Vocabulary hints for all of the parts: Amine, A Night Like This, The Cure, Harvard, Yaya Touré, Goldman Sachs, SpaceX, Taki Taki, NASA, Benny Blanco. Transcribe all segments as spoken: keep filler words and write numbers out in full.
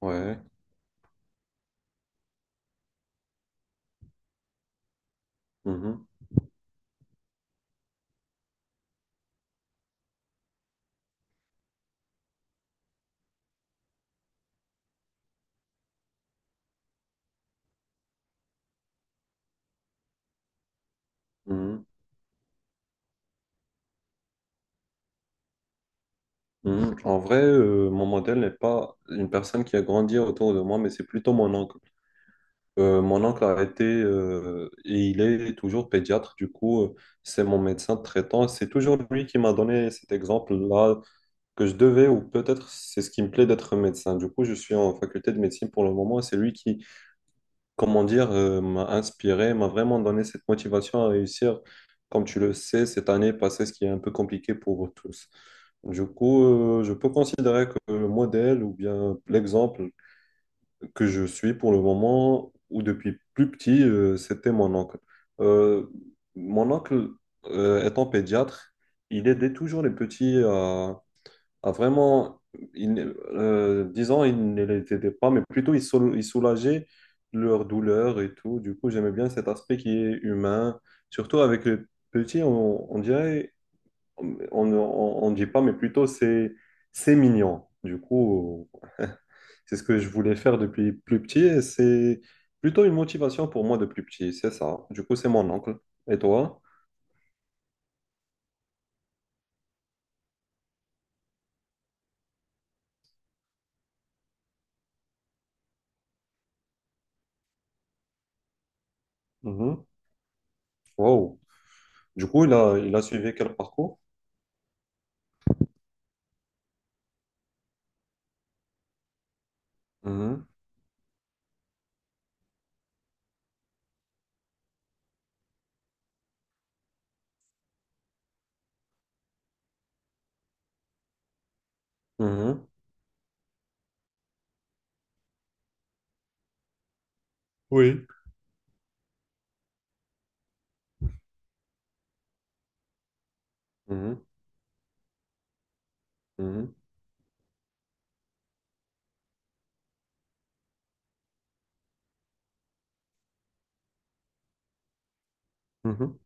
Ouais. Mhm. Mhm. Mhm. En vrai, euh, mon modèle n'est pas une personne qui a grandi autour de moi, mais c'est plutôt mon oncle. Euh, mon oncle a été euh, et il est toujours pédiatre, du coup, euh, c'est mon médecin traitant. C'est toujours lui qui m'a donné cet exemple-là que je devais, ou peut-être c'est ce qui me plaît d'être médecin. Du coup, je suis en faculté de médecine pour le moment. C'est lui qui, comment dire, euh, m'a inspiré, m'a vraiment donné cette motivation à réussir. Comme tu le sais, cette année passée, ce qui est un peu compliqué pour tous. Du coup, euh, je peux considérer que le modèle ou bien l'exemple que je suis pour le moment ou depuis plus petit, euh, c'était mon oncle. Euh, Mon oncle, euh, étant pédiatre, il aidait toujours les petits à ah, vraiment, il, ne- euh, disons, ils ne les aidaient pas, mais plutôt ils, sol- ils soulageaient leur douleur et tout. Du coup, j'aimais bien cet aspect qui est humain. Surtout avec les petits, on, on dirait, on ne dit pas, mais plutôt c'est c'est mignon. Du coup, c'est ce que je voulais faire depuis plus petit et c'est plutôt une motivation pour moi depuis petit, c'est ça. Du coup, c'est mon oncle. Et toi? Mhm. Wow. Du coup, il a, il a suivi quel parcours? Mhm. Mhm. Oui. Mhm, mhm, mhm,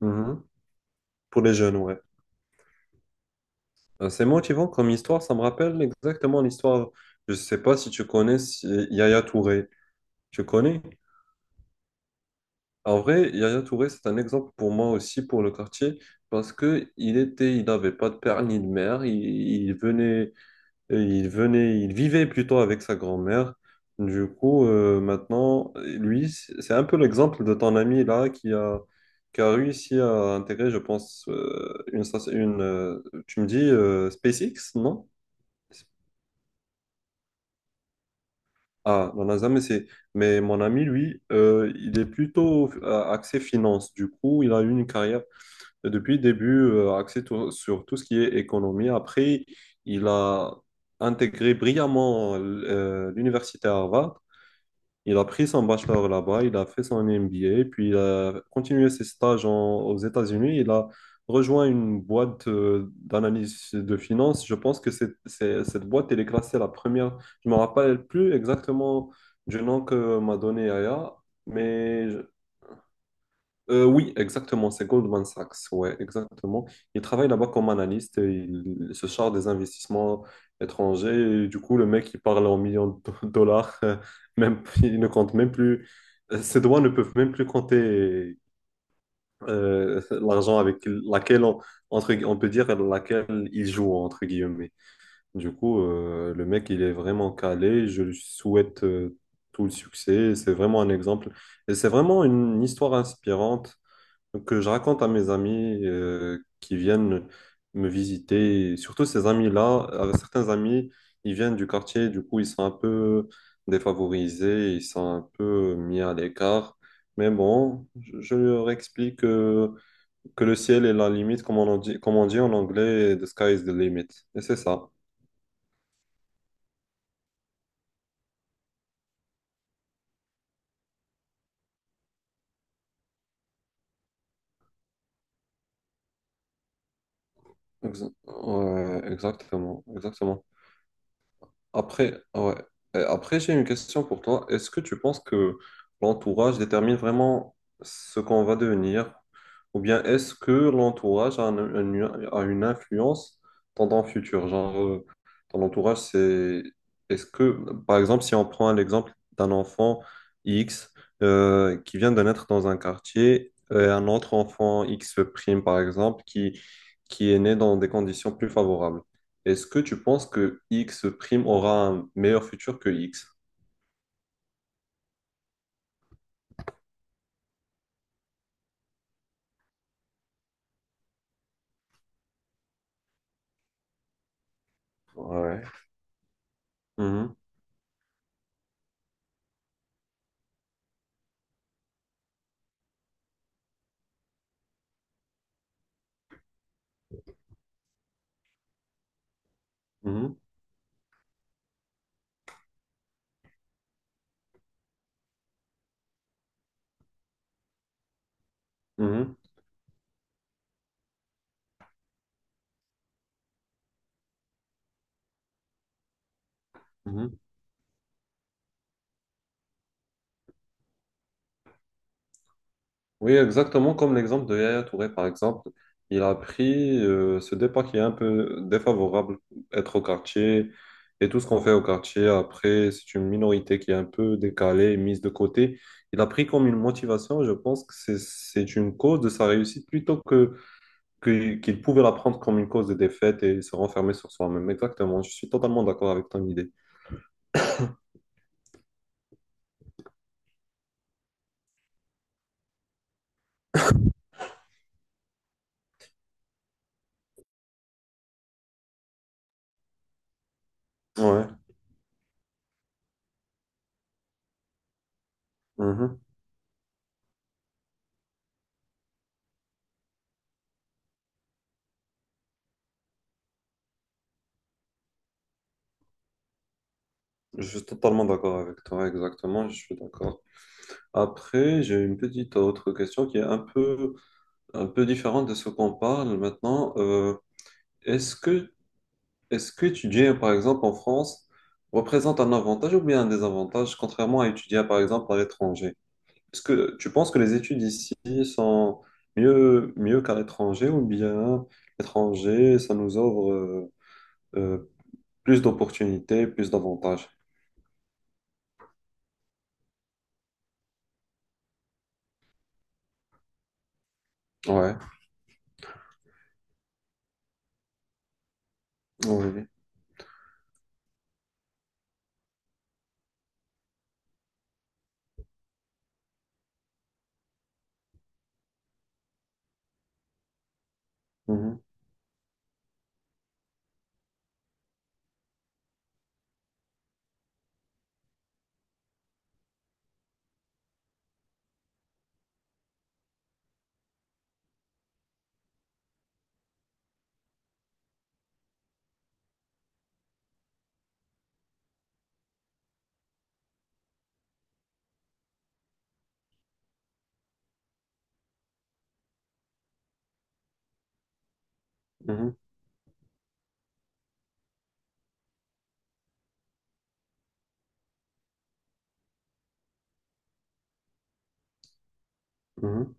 mhm. Pour les jeunes, ouais. Euh, C'est motivant comme histoire, ça me rappelle exactement l'histoire. Je ne sais pas si tu connais si- Yaya Touré. Tu connais? En vrai, Yaya Touré, c'est un exemple pour moi aussi pour le quartier parce que il était, il n'avait pas de père ni de mère. Il, il venait, et il venait, il vivait plutôt avec sa grand-mère. Du coup, euh, maintenant, lui, c'est un peu l'exemple de ton ami là qui a, qui a réussi à intégrer, je pense, euh, une, soci- une euh, tu me dis euh, SpaceX, non? Ah, la NASA, mais c'est, mais mon ami, lui, euh, il est plutôt euh, axé finance. Du coup, il a eu une carrière euh, depuis le début euh, axée tout- sur tout ce qui est économie. Après, il a intégré brillamment euh, l'université Harvard. Il a pris son bachelor là-bas, il a fait son M B A, puis il a continué ses stages en- aux États-Unis. Il a rejoint une boîte euh, d'analyse de finances. Je pense que c'est- c'est- cette boîte, elle est classée la première. Je ne me rappelle plus exactement du nom que m'a donné Aya, mais euh, oui, exactement, c'est Goldman Sachs, ouais, exactement. Il travaille là-bas comme analyste et il se charge des investissements étrangers. Et du coup, le mec, il parle en millions de do- dollars, euh, même, il ne compte même plus, euh, ses doigts ne peuvent même plus compter euh, l'argent avec laquelle on, entre, gu- on peut dire laquelle il joue, entre guillemets. Du coup, euh, le mec, il est vraiment calé. Je lui souhaite euh, tout le succès. C'est vraiment un exemple. Et c'est vraiment une histoire inspirante. Donc, euh, je raconte à mes amis euh, qui viennent me visiter, et surtout ces amis-là, euh, certains amis, ils viennent du quartier, du coup, ils sont un peu défavorisés, ils sont un peu mis à l'écart. Mais bon, je, je leur explique euh, que le ciel est la limite, comme on, en dit, comme on dit en anglais, the sky is the limit. Et c'est ça. Ex- ouais, exactement, exactement. Après, ah ouais. Euh, Après, j'ai une question pour toi. Est-ce que tu penses que l'entourage détermine vraiment ce qu'on va devenir? Ou bien est-ce que l'entourage a, un- un- a une influence dans ton futur? Genre, euh, ton entourage, c'est... Est-ce que, par exemple, si on prend l'exemple d'un enfant X euh, qui vient de naître dans un quartier, et un autre enfant X prime, par exemple, qui, qui est né dans des conditions plus favorables. Est-ce que tu penses que X prime aura un meilleur futur que X? Ouais. Mhm, mhm, mhm, mhm. Oui, exactement comme l'exemple de Yaya Touré, par exemple. Il a pris euh, ce départ qui est un peu défavorable, être au quartier et tout ce qu'on fait au quartier. Après, c'est une minorité qui est un peu décalée et mise de côté. Il a pris comme une motivation. Je pense que c'est c'est une cause de sa réussite plutôt que que- qu'il pouvait la prendre comme une cause de défaite et se renfermer sur soi-même. Exactement, je suis totalement d'accord avec ton idée. Ouais, mhm. Je suis totalement d'accord avec toi, exactement, je suis d'accord. Après, j'ai une petite autre question qui est un peu, un peu différente de ce qu'on parle maintenant. Euh, est-ce que, est-ce que étudier par exemple, en France, représente un avantage ou bien un désavantage, contrairement à étudier, par exemple, à l'étranger? Est-ce que tu penses que les études ici sont mieux, mieux qu'à l'étranger ou bien l'étranger, ça nous offre euh, euh, plus d'opportunités, plus d'avantages? Ouais, oui, mhm, mhm, mhm.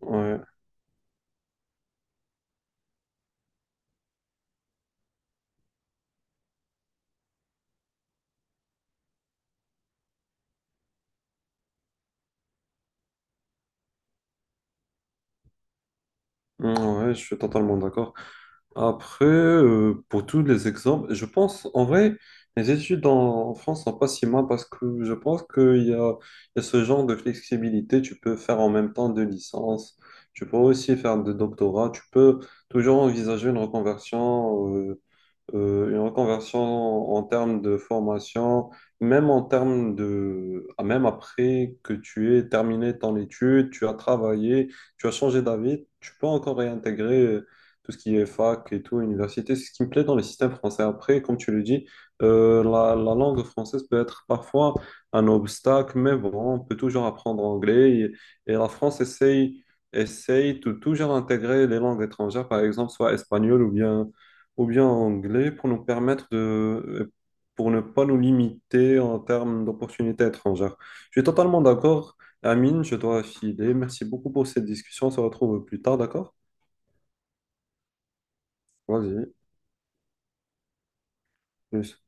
Ouais, mm, ouais, je suis totalement d'accord. Après, euh, pour tous les exemples, je pense en vrai, les études en, en France sont pas si mal parce que je pense qu'il y a, il y a ce genre de flexibilité. Tu peux faire en même temps deux licences, tu peux aussi faire de doctorat, tu peux toujours envisager une reconversion euh, euh, une reconversion en termes de formation, même en termes de, ah, même après que tu aies terminé ton étude, tu as travaillé, tu as changé d'avis, tu peux encore réintégrer euh, tout ce qui est fac et tout, université. C'est ce qui me plaît dans les systèmes français. Après, comme tu le dis, euh, la, la langue française peut être parfois un obstacle, mais bon, on peut toujours apprendre anglais et, et la France essaye. Essaye de toujours intégrer les langues étrangères, par exemple, soit espagnol ou bien ou bien en anglais pour nous permettre de, pour ne pas nous limiter en termes d'opportunités étrangères. Je suis totalement d'accord. Amine, je dois filer. Merci beaucoup pour cette discussion. On se retrouve plus tard, d'accord? Vas-y. Plus.